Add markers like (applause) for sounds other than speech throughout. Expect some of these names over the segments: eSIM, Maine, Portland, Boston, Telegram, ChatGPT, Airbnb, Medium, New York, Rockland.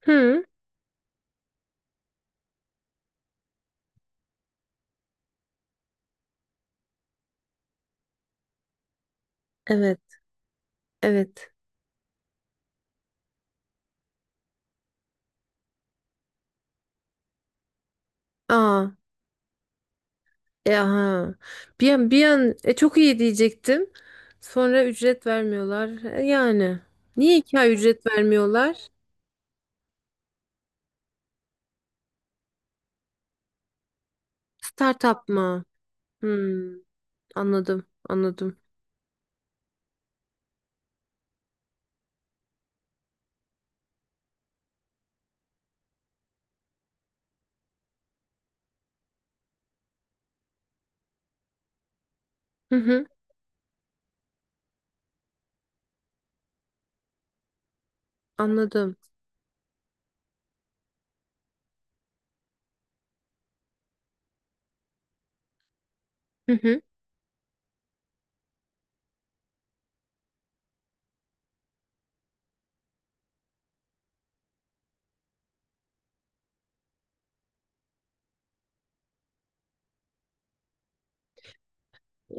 Hı, evet, evet. Aa, e aha. Çok iyi diyecektim. Sonra ücret vermiyorlar. Yani. Niye iki ay ücret vermiyorlar? Startup mı? Hmm, anladım, anladım. Hı hı, anladım. Hı hı.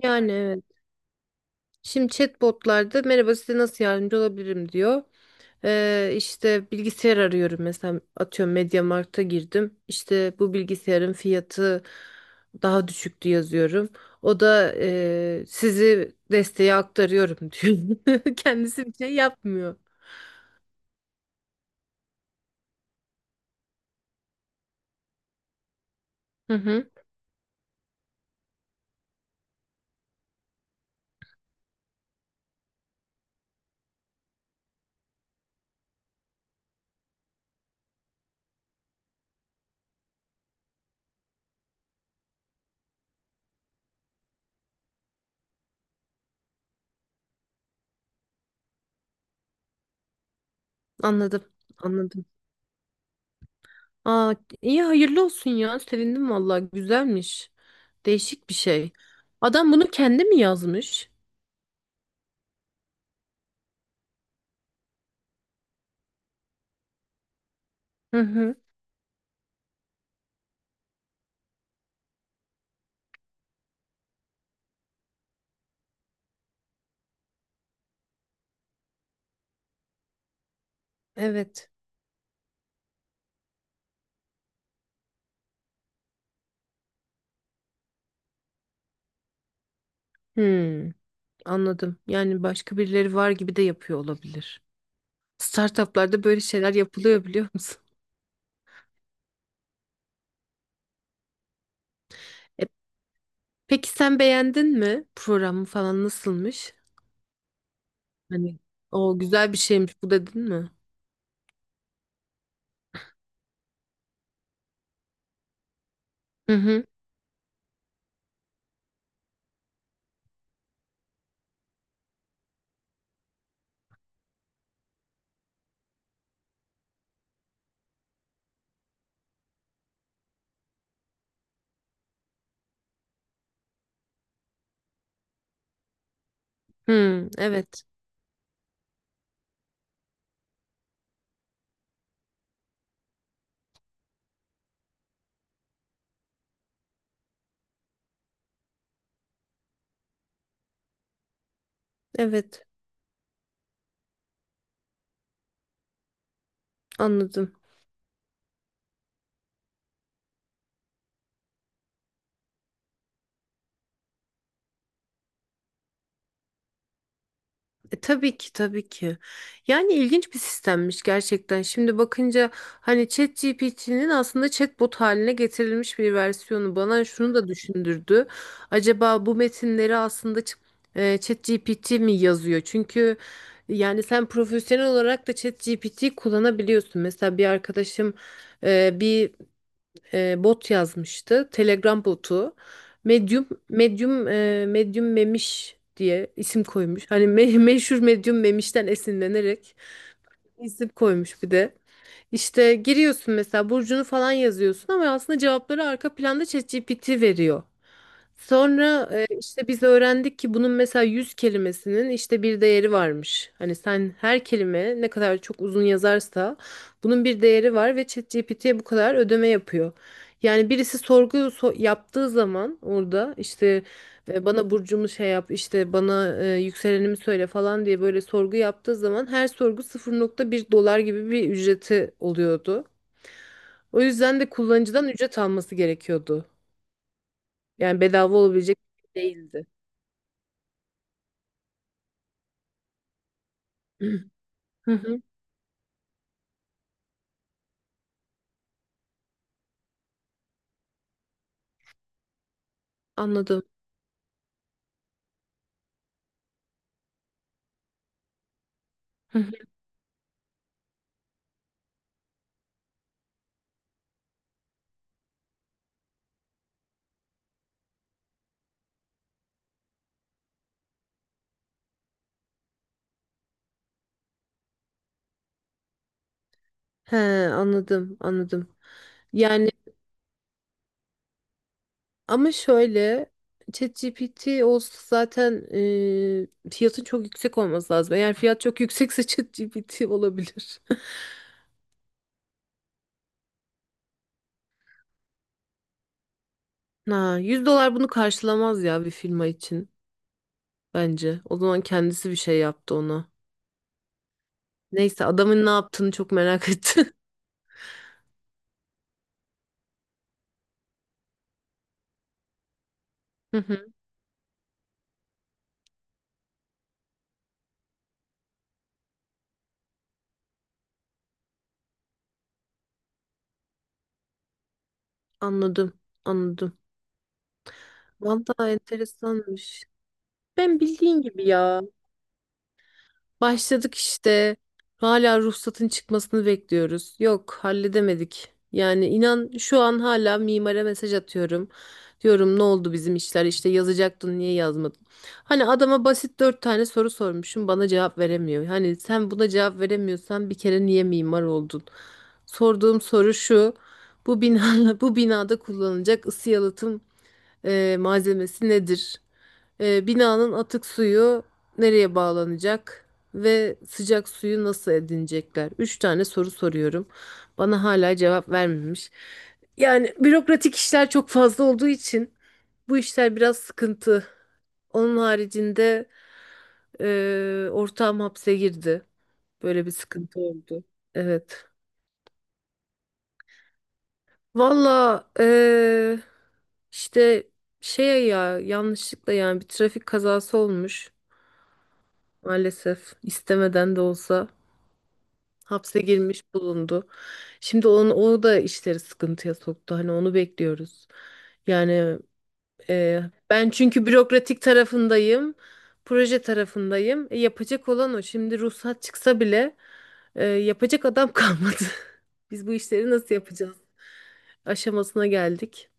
Yani evet. Şimdi chatbotlarda merhaba size nasıl yardımcı olabilirim diyor. İşte bilgisayar arıyorum mesela atıyorum MediaMarkt'a girdim. İşte bu bilgisayarın fiyatı daha düşüktü yazıyorum. O da sizi desteğe aktarıyorum diyor. (laughs) Kendisi bir şey yapmıyor. Hı hı, anladım anladım. Aa, iyi hayırlı olsun ya sevindim vallahi güzelmiş. Değişik bir şey. Adam bunu kendi mi yazmış? Hı hı, evet. Hmm, anladım. Yani başka birileri var gibi de yapıyor olabilir. Startuplarda böyle şeyler yapılıyor biliyor musun? E, peki sen beğendin mi? Programı falan nasılmış? Hani o güzel bir şeymiş bu dedin mi? Hı hı. Hı, evet. Evet. Anladım. Tabii ki tabii ki. Yani ilginç bir sistemmiş gerçekten. Şimdi bakınca hani ChatGPT'nin aslında chatbot haline getirilmiş bir versiyonu bana şunu da düşündürdü. Acaba bu metinleri aslında ChatGPT mi yazıyor? Çünkü yani sen profesyonel olarak da ChatGPT kullanabiliyorsun. Mesela bir arkadaşım e, bir bot yazmıştı. Telegram botu. Medium Memiş diye isim koymuş. (laughs) Meşhur Medium Memiş'ten esinlenerek isim koymuş bir de. İşte giriyorsun mesela burcunu falan yazıyorsun ama aslında cevapları arka planda ChatGPT veriyor. Sonra işte biz öğrendik ki bunun mesela 100 kelimesinin işte bir değeri varmış. Hani sen her kelime ne kadar çok uzun yazarsa bunun bir değeri var ve ChatGPT'ye bu kadar ödeme yapıyor. Yani birisi yaptığı zaman orada işte ve bana burcumu şey yap işte bana yükselenimi söyle falan diye böyle sorgu yaptığı zaman her sorgu 0,1 dolar gibi bir ücreti oluyordu. O yüzden de kullanıcıdan ücret alması gerekiyordu. Yani bedava olabilecek bir şey değildi. (clears throat) Hı hı, anladım. Hı hı. He, anladım, anladım. Yani ama şöyle, ChatGPT olsa zaten fiyatın çok yüksek olması lazım. Eğer fiyat çok yüksekse (laughs) ChatGPT olabilir. Ha, 100 dolar bunu karşılamaz ya bir firma için bence. O zaman kendisi bir şey yaptı ona. Neyse adamın ne yaptığını çok merak (laughs) ettim. Hı hı, anladım, anladım. Vallahi enteresanmış. Ben bildiğin gibi ya. Başladık işte. Hala ruhsatın çıkmasını bekliyoruz. Yok, halledemedik. Yani inan şu an hala mimara mesaj atıyorum. Diyorum ne oldu bizim işler işte yazacaktın niye yazmadın? Hani adama basit dört tane soru sormuşum bana cevap veremiyor. Hani sen buna cevap veremiyorsan bir kere niye mimar oldun? Sorduğum soru şu. (laughs) Bu binada kullanılacak ısı yalıtım malzemesi nedir? Binanın atık suyu nereye bağlanacak? Ve sıcak suyu nasıl edinecekler? Üç tane soru soruyorum. Bana hala cevap vermemiş. Yani bürokratik işler çok fazla olduğu için bu işler biraz sıkıntı. Onun haricinde ortağım hapse girdi. Böyle bir sıkıntı oldu. Evet. Valla e, işte şey ya Yanlışlıkla yani bir trafik kazası olmuş. Maalesef istemeden de olsa hapse girmiş bulundu. O da işleri sıkıntıya soktu. Hani onu bekliyoruz. Yani e, Ben çünkü proje tarafındayım. Yapacak olan o. Şimdi ruhsat çıksa bile yapacak adam kalmadı. (laughs) Biz bu işleri nasıl yapacağız? Aşamasına geldik.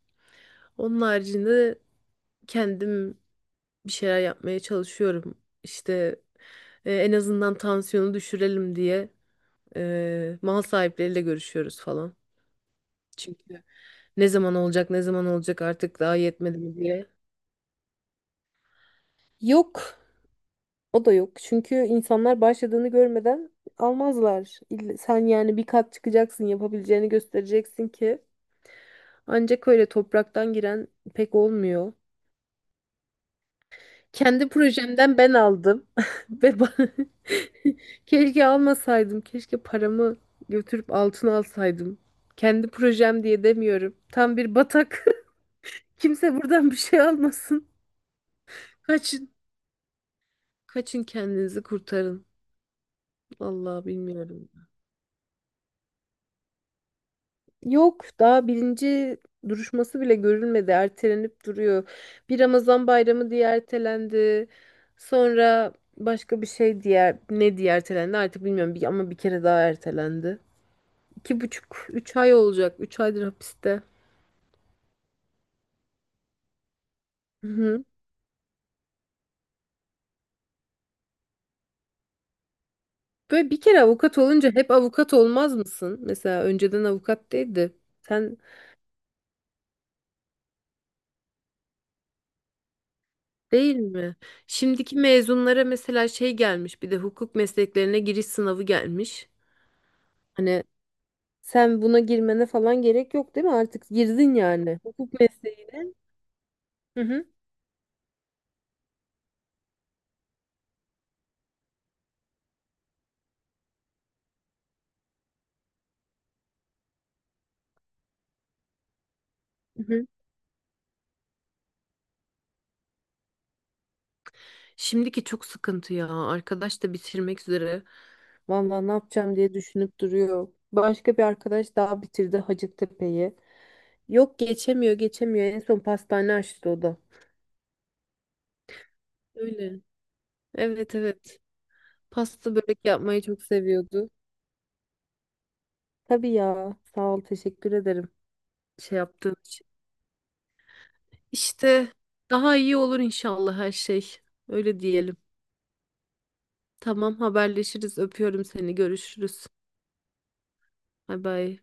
Onun haricinde kendim bir şeyler yapmaya çalışıyorum. İşte en azından tansiyonu düşürelim diye. Mal sahipleriyle görüşüyoruz falan. Çünkü ne zaman olacak, ne zaman olacak artık daha yetmedi mi diye. Yok. O da yok. Çünkü insanlar başladığını görmeden almazlar. İlle- Sen yani bir kat çıkacaksın, yapabileceğini göstereceksin ki. Ancak öyle topraktan giren pek olmuyor. Kendi projemden ben aldım. (laughs) Ve ba- (laughs) Keşke almasaydım. Keşke paramı götürüp altın alsaydım. Kendi projem diye demiyorum. Tam bir batak. (laughs) Kimse buradan bir şey almasın. Kaçın. Kaçın kendinizi kurtarın. Allah bilmiyorum. Yok daha birinci duruşması bile görülmedi. Ertelenip duruyor. Bir Ramazan bayramı diye ertelendi. Sonra başka bir şey diye ne diye ertelendi artık bilmiyorum. Bir, ama bir kere daha ertelendi. İki buçuk, üç ay olacak. Üç aydır hapiste. Hı hı. Böyle bir kere avukat olunca hep avukat olmaz mısın? Mesela önceden avukat değildi. Sen değil mi? Şimdiki mezunlara mesela şey gelmiş bir de hukuk mesleklerine giriş sınavı gelmiş. Hani sen buna girmene falan gerek yok değil mi? Artık girdin yani hukuk mesleğine. Hı hı. Hı hı. Şimdiki çok sıkıntı ya. Arkadaş da bitirmek üzere. Vallahi ne yapacağım diye düşünüp duruyor. Başka bir arkadaş daha bitirdi Hacettepe'yi. Yok geçemiyor geçemiyor. En son pastane açtı o da. Öyle. Evet evet. Pasta börek yapmayı çok seviyordu. Tabii ya. Sağ ol. Teşekkür ederim. Şey yaptığın için. İşte daha iyi olur inşallah her şey. Öyle diyelim. Tamam haberleşiriz. Öpüyorum seni. Görüşürüz. Bay bay.